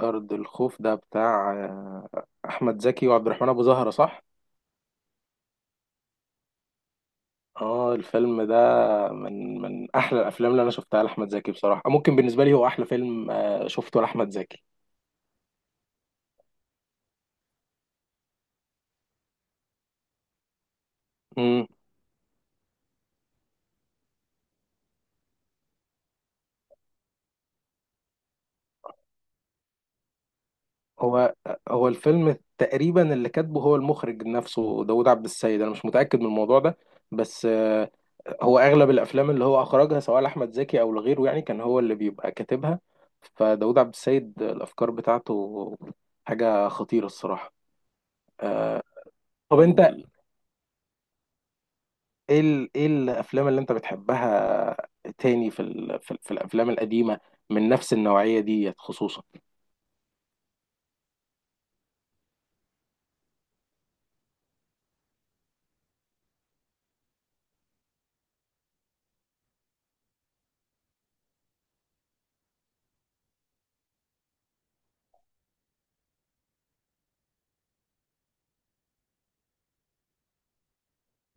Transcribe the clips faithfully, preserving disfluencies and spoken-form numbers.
أرض الخوف ده بتاع آه، أحمد زكي وعبد الرحمن أبو زهرة صح؟ اه، الفيلم ده من من أحلى الأفلام اللي أنا شفتها لأحمد زكي، بصراحة ممكن بالنسبة لي هو أحلى فيلم آه، شفته لأحمد زكي. مم. هو هو الفيلم تقريبا اللي كاتبه هو المخرج نفسه داود عبد السيد، أنا مش متأكد من الموضوع ده. بس آه، هو أغلب الأفلام اللي هو أخرجها سواء لأحمد زكي أو لغيره، يعني كان هو اللي بيبقى كاتبها. فداود عبد السيد الأفكار بتاعته حاجة خطيرة الصراحة. آه، طب انت ايه ال... ايه الافلام اللي انت بتحبها تاني في ال... في, ال... في الافلام القديمه من نفس النوعيه دي خصوصا؟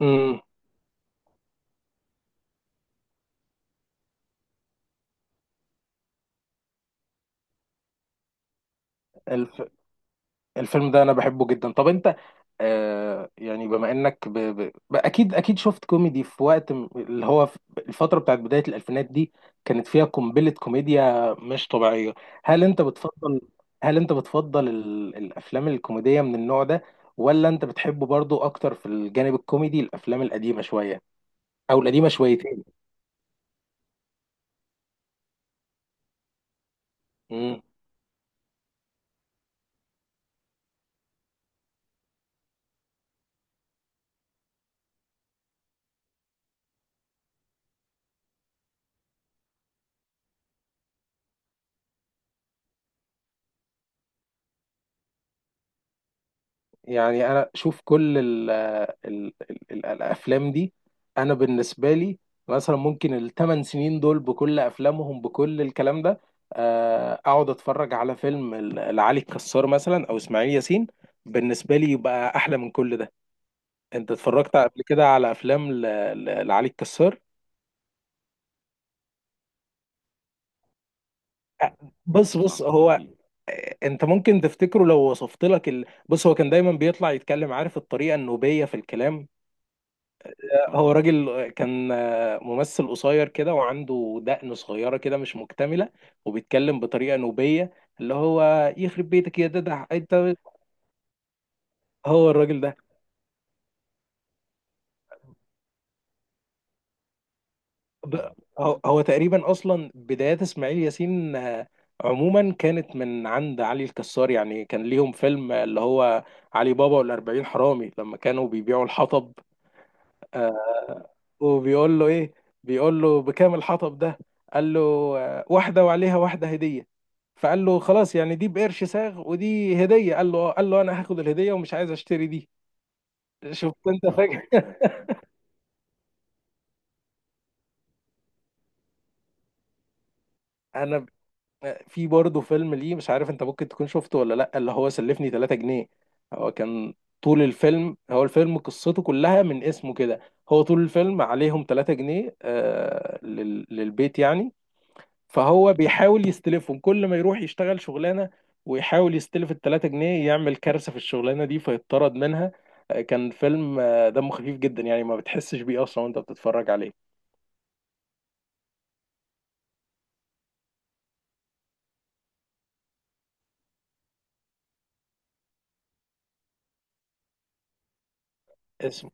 امم الف... الفيلم ده انا بحبه جدا. طب انت آه يعني بما انك ب... ب... ب... اكيد اكيد شفت كوميدي في وقت م- اللي هو في الفتره بتاعت بدايه الالفينات دي كانت فيها قنبله كوميديا مش طبيعيه. هل انت بتفضل هل انت بتفضل ال... الافلام الكوميديه من النوع ده؟ ولا انت بتحبه برضو اكتر في الجانب الكوميدي الافلام القديمه شويه او القديمه شويتين؟ مم. يعني انا شوف كل ال ال ال ال الافلام دي. انا بالنسبه لي مثلا ممكن الثمان سنين دول بكل افلامهم بكل الكلام ده، آه، اقعد اتفرج على فيلم ال- لعلي الكسار مثلا او اسماعيل ياسين، بالنسبه لي يبقى احلى من كل ده. انت اتفرجت قبل كده على افلام ل- ل- لعلي الكسار؟ آه، بص بص، هو انت ممكن تفتكره لو وصفت لك ال... بص، هو كان دايما بيطلع يتكلم، عارف الطريقه النوبيه في الكلام. هو راجل كان آه، ممثل قصير كده وعنده دقن صغيرة كده مش مكتملة، وبيتكلم بطريقة نوبية، اللي هو يخرب بيتك يا ددع انت. هو الراجل ده. ب- هو هو تقريبا اصلا بدايات اسماعيل ياسين آه، عموما كانت من عند علي الكسار. يعني كان ليهم فيلم اللي هو علي بابا والأربعين حرامي، لما كانوا بيبيعوا الحطب، آه، وبيقول له ايه، بيقول له بكام الحطب ده، قال له آه، واحده وعليها واحده هديه، فقال له خلاص يعني دي بقرش ساغ ودي هديه، قال له قال له انا هاخد الهديه ومش عايز اشتري دي. شفت انت فجأة؟ انا ب- آه، في برضه فيلم ليه مش عارف انت ممكن تكون شفته ولا لا، اللي هو سلفني ثلاثة جنيهات. هو كان طول الفيلم، هو الفيلم قصته كلها من اسمه كده، هو طول الفيلم عليهم ثلاثة جنيهات آه لل- للبيت يعني، فهو بيحاول يستلفهم. كل ما يروح يشتغل شغلانه ويحاول يستلف التلاتة جنيه يعمل كارثه في الشغلانه دي فيطرد منها. آه، كان فيلم آه، دمه خفيف جدا يعني، ما بتحسش بيه اصلا وانت بتتفرج عليه. اسم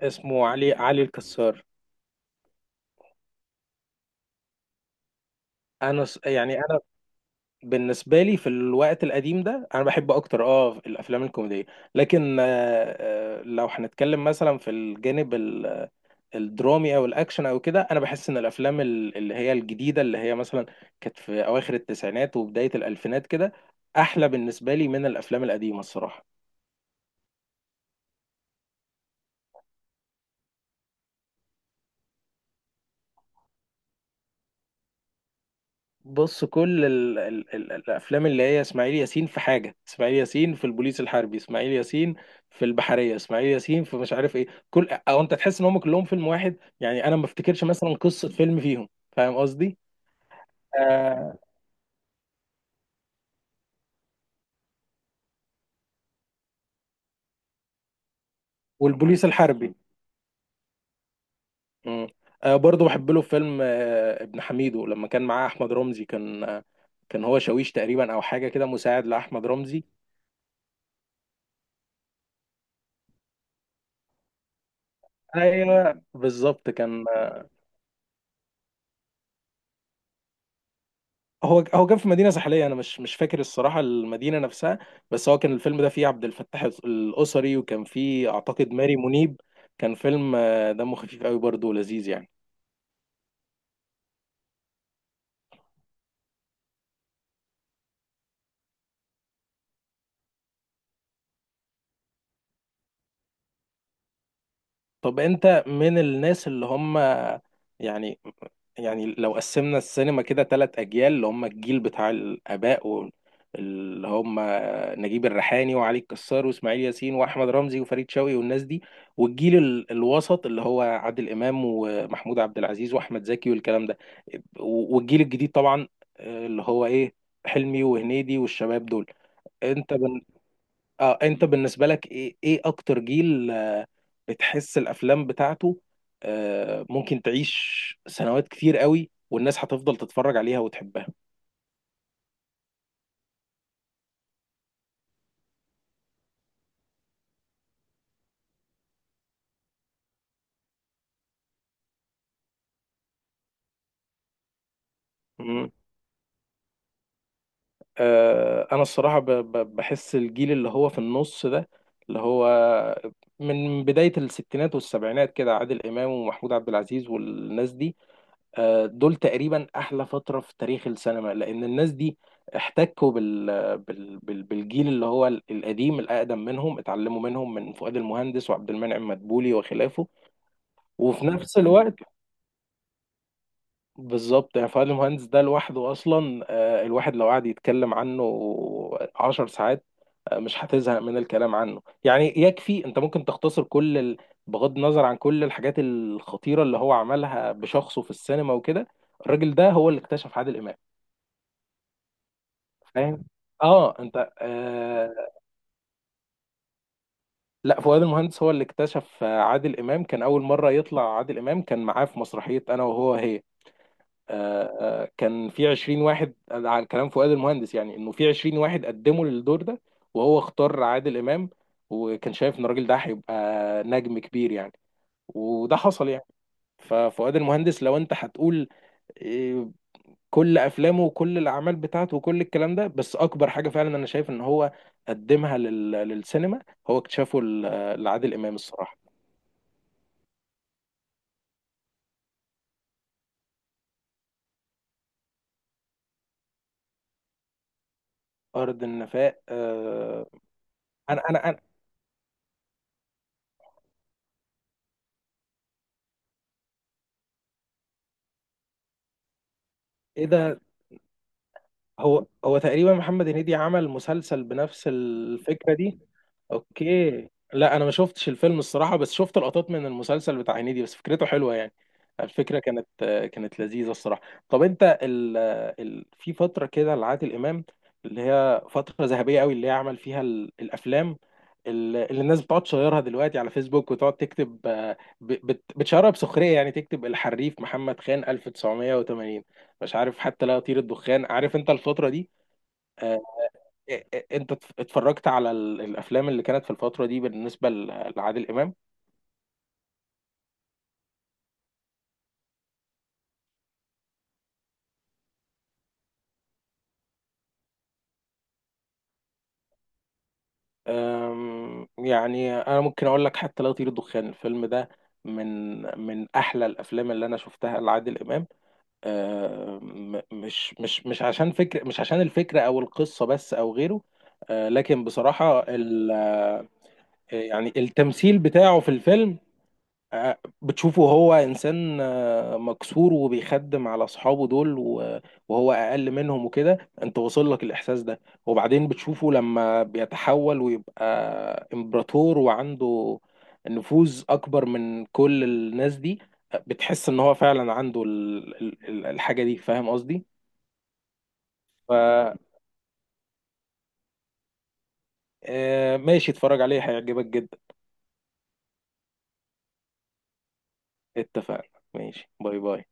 اسمه علي علي الكسار. انا ص- يعني انا بالنسبه لي في الوقت القديم ده انا بحب اكتر اه الافلام الكوميديه. لكن آه، آه، لو هنتكلم مثلا في الجانب الدرامي او الاكشن او كده، انا بحس ان الافلام ال- اللي هي الجديده، اللي هي مثلا كانت في اواخر التسعينات وبدايه الالفينات كده، احلى بالنسبه لي من الافلام القديمه الصراحه. بص، كل ال ال ال الافلام اللي هي اسماعيل ياسين في حاجه، اسماعيل ياسين في البوليس الحربي، اسماعيل ياسين في البحريه، اسماعيل ياسين في مش عارف ايه، كل او انت تحس ان هم كلهم فيلم واحد يعني. انا ما افتكرش مثلا قصه فيلم فيهم. فاهم قصدي؟ آه والبوليس الحربي. مم. آه برضه بحب له فيلم آه ابن حميدو لما كان معاه احمد رمزي. كان آه كان هو شاويش تقريبا او حاجه كده مساعد لاحمد رمزي. ايوه، بالظبط كان آه، هو هو كان في مدينه ساحليه، انا مش مش فاكر الصراحه المدينه نفسها، بس هو كان الفيلم ده فيه عبد الفتاح الاسري وكان فيه اعتقد ماري منيب. كان فيلم آه، دمه خفيف قوي برضه ولذيذ يعني. طب انت من الناس اللي هم يعني، يعني لو قسمنا السينما كده ثلاث اجيال: اللي هم الجيل بتاع الاباء، واللي هم نجيب الريحاني وعلي الكسار واسماعيل ياسين واحمد رمزي وفريد شوقي والناس دي، والجيل ال- الوسط اللي هو عادل امام ومحمود عبد العزيز واحمد زكي والكلام ده، والجيل الجديد طبعا آه، اللي هو ايه، حلمي وهنيدي والشباب دول. انت اه انت بالنسبه لك ايه ايه اكتر جيل آه، بتحس الافلام بتاعته آه، ممكن تعيش سنوات كتير قوي والناس هتفضل تتفرج عليها وتحبها؟ مم. آه، انا الصراحه ب- ب- بحس الجيل اللي هو في النص ده، اللي هو من بدايه الستينات والسبعينات كده، عادل امام ومحمود عبد العزيز والناس دي، آه، دول تقريبا احلى فتره في تاريخ السينما، لان الناس دي احتكوا بال... بال... بال... بالجيل اللي هو ال- القديم الاقدم منهم، اتعلموا منهم، من فؤاد المهندس وعبد المنعم مدبولي وخلافه. وفي نفس الوقت، بالظبط يعني فؤاد المهندس ده لوحده اصلا، آه، الواحد لو قعد يتكلم عنه عشر ساعات آه، مش هتزهق من الكلام عنه. يعني يكفي انت ممكن تختصر كل ال... بغض النظر عن كل الحاجات الخطيره اللي هو عملها بشخصه في السينما وكده، الراجل ده هو اللي اكتشف عادل امام. فاهم؟ اه، انت آه لا، فؤاد المهندس هو اللي اكتشف آه، عادل امام. كان اول مره يطلع عادل امام كان معاه في مسرحيه انا وهو هي. آه آه كان في 20 واحد آه، على كلام فؤاد المهندس، يعني انه في 20 واحد قدموا للدور ده وهو اختار عادل امام، وكان شايف ان الراجل ده هيبقى نجم كبير يعني، وده حصل يعني. ففؤاد المهندس لو انت هتقول آه، كل افلامه وكل الاعمال بتاعته وكل الكلام ده، بس اكبر حاجه فعلا انا شايف ان هو قدمها لل... للسينما هو اكتشافه ل- لعادل امام الصراحه. ارض النفاق. آه، انا انا انا ايه ده؟ هو هو تقريبا محمد هنيدي عمل مسلسل بنفس الفكرة دي. اوكي، لا انا ما شفتش الفيلم الصراحة، بس شفت لقطات من المسلسل بتاع هنيدي، بس فكرته حلوة يعني. الفكرة كانت كانت لذيذة الصراحة. طب انت ال... ال... في فترة كده لعادل امام، اللي هي فترة ذهبية قوي، اللي هي عمل فيها ال... الافلام ال- اللي الناس بتقعد تشيرها دلوقتي على فيسبوك وتقعد تكتب آه، ب... بت... بتشيرها بسخرية، يعني تكتب الحريف محمد خان ألف تسعمائة وثمانين، مش عارف، حتى لا يطير الدخان، عارف انت الفترة دي؟ آه، آه، آه، انت اتف- اتفرجت على ال- الافلام اللي كانت في الفترة دي بالنسبة ل- لعادل امام؟ آم، يعني انا ممكن اقول لك حتى لا يطير الدخان، الفيلم ده من من احلى الافلام اللي انا شفتها لعادل امام. آم، م- مش مش مش عشان فكرة، مش عشان الفكرة او القصة بس او غيره، آه، لكن بصراحة ال- يعني التمثيل بتاعه في الفيلم، آه، بتشوفه هو إنسان آه، مكسور وبيخدم على أصحابه دول و- وهو أقل منهم وكده، أنت واصل لك الإحساس ده، وبعدين بتشوفه لما بيتحول ويبقى إمبراطور وعنده نفوذ أكبر من كل الناس دي، آه، بتحس إن هو فعلا عنده ال- ال- ال- الحاجة دي. فاهم قصدي؟ ف آه، ماشي اتفرج عليه هيعجبك جدا. اتفقنا، ماشي، باي باي.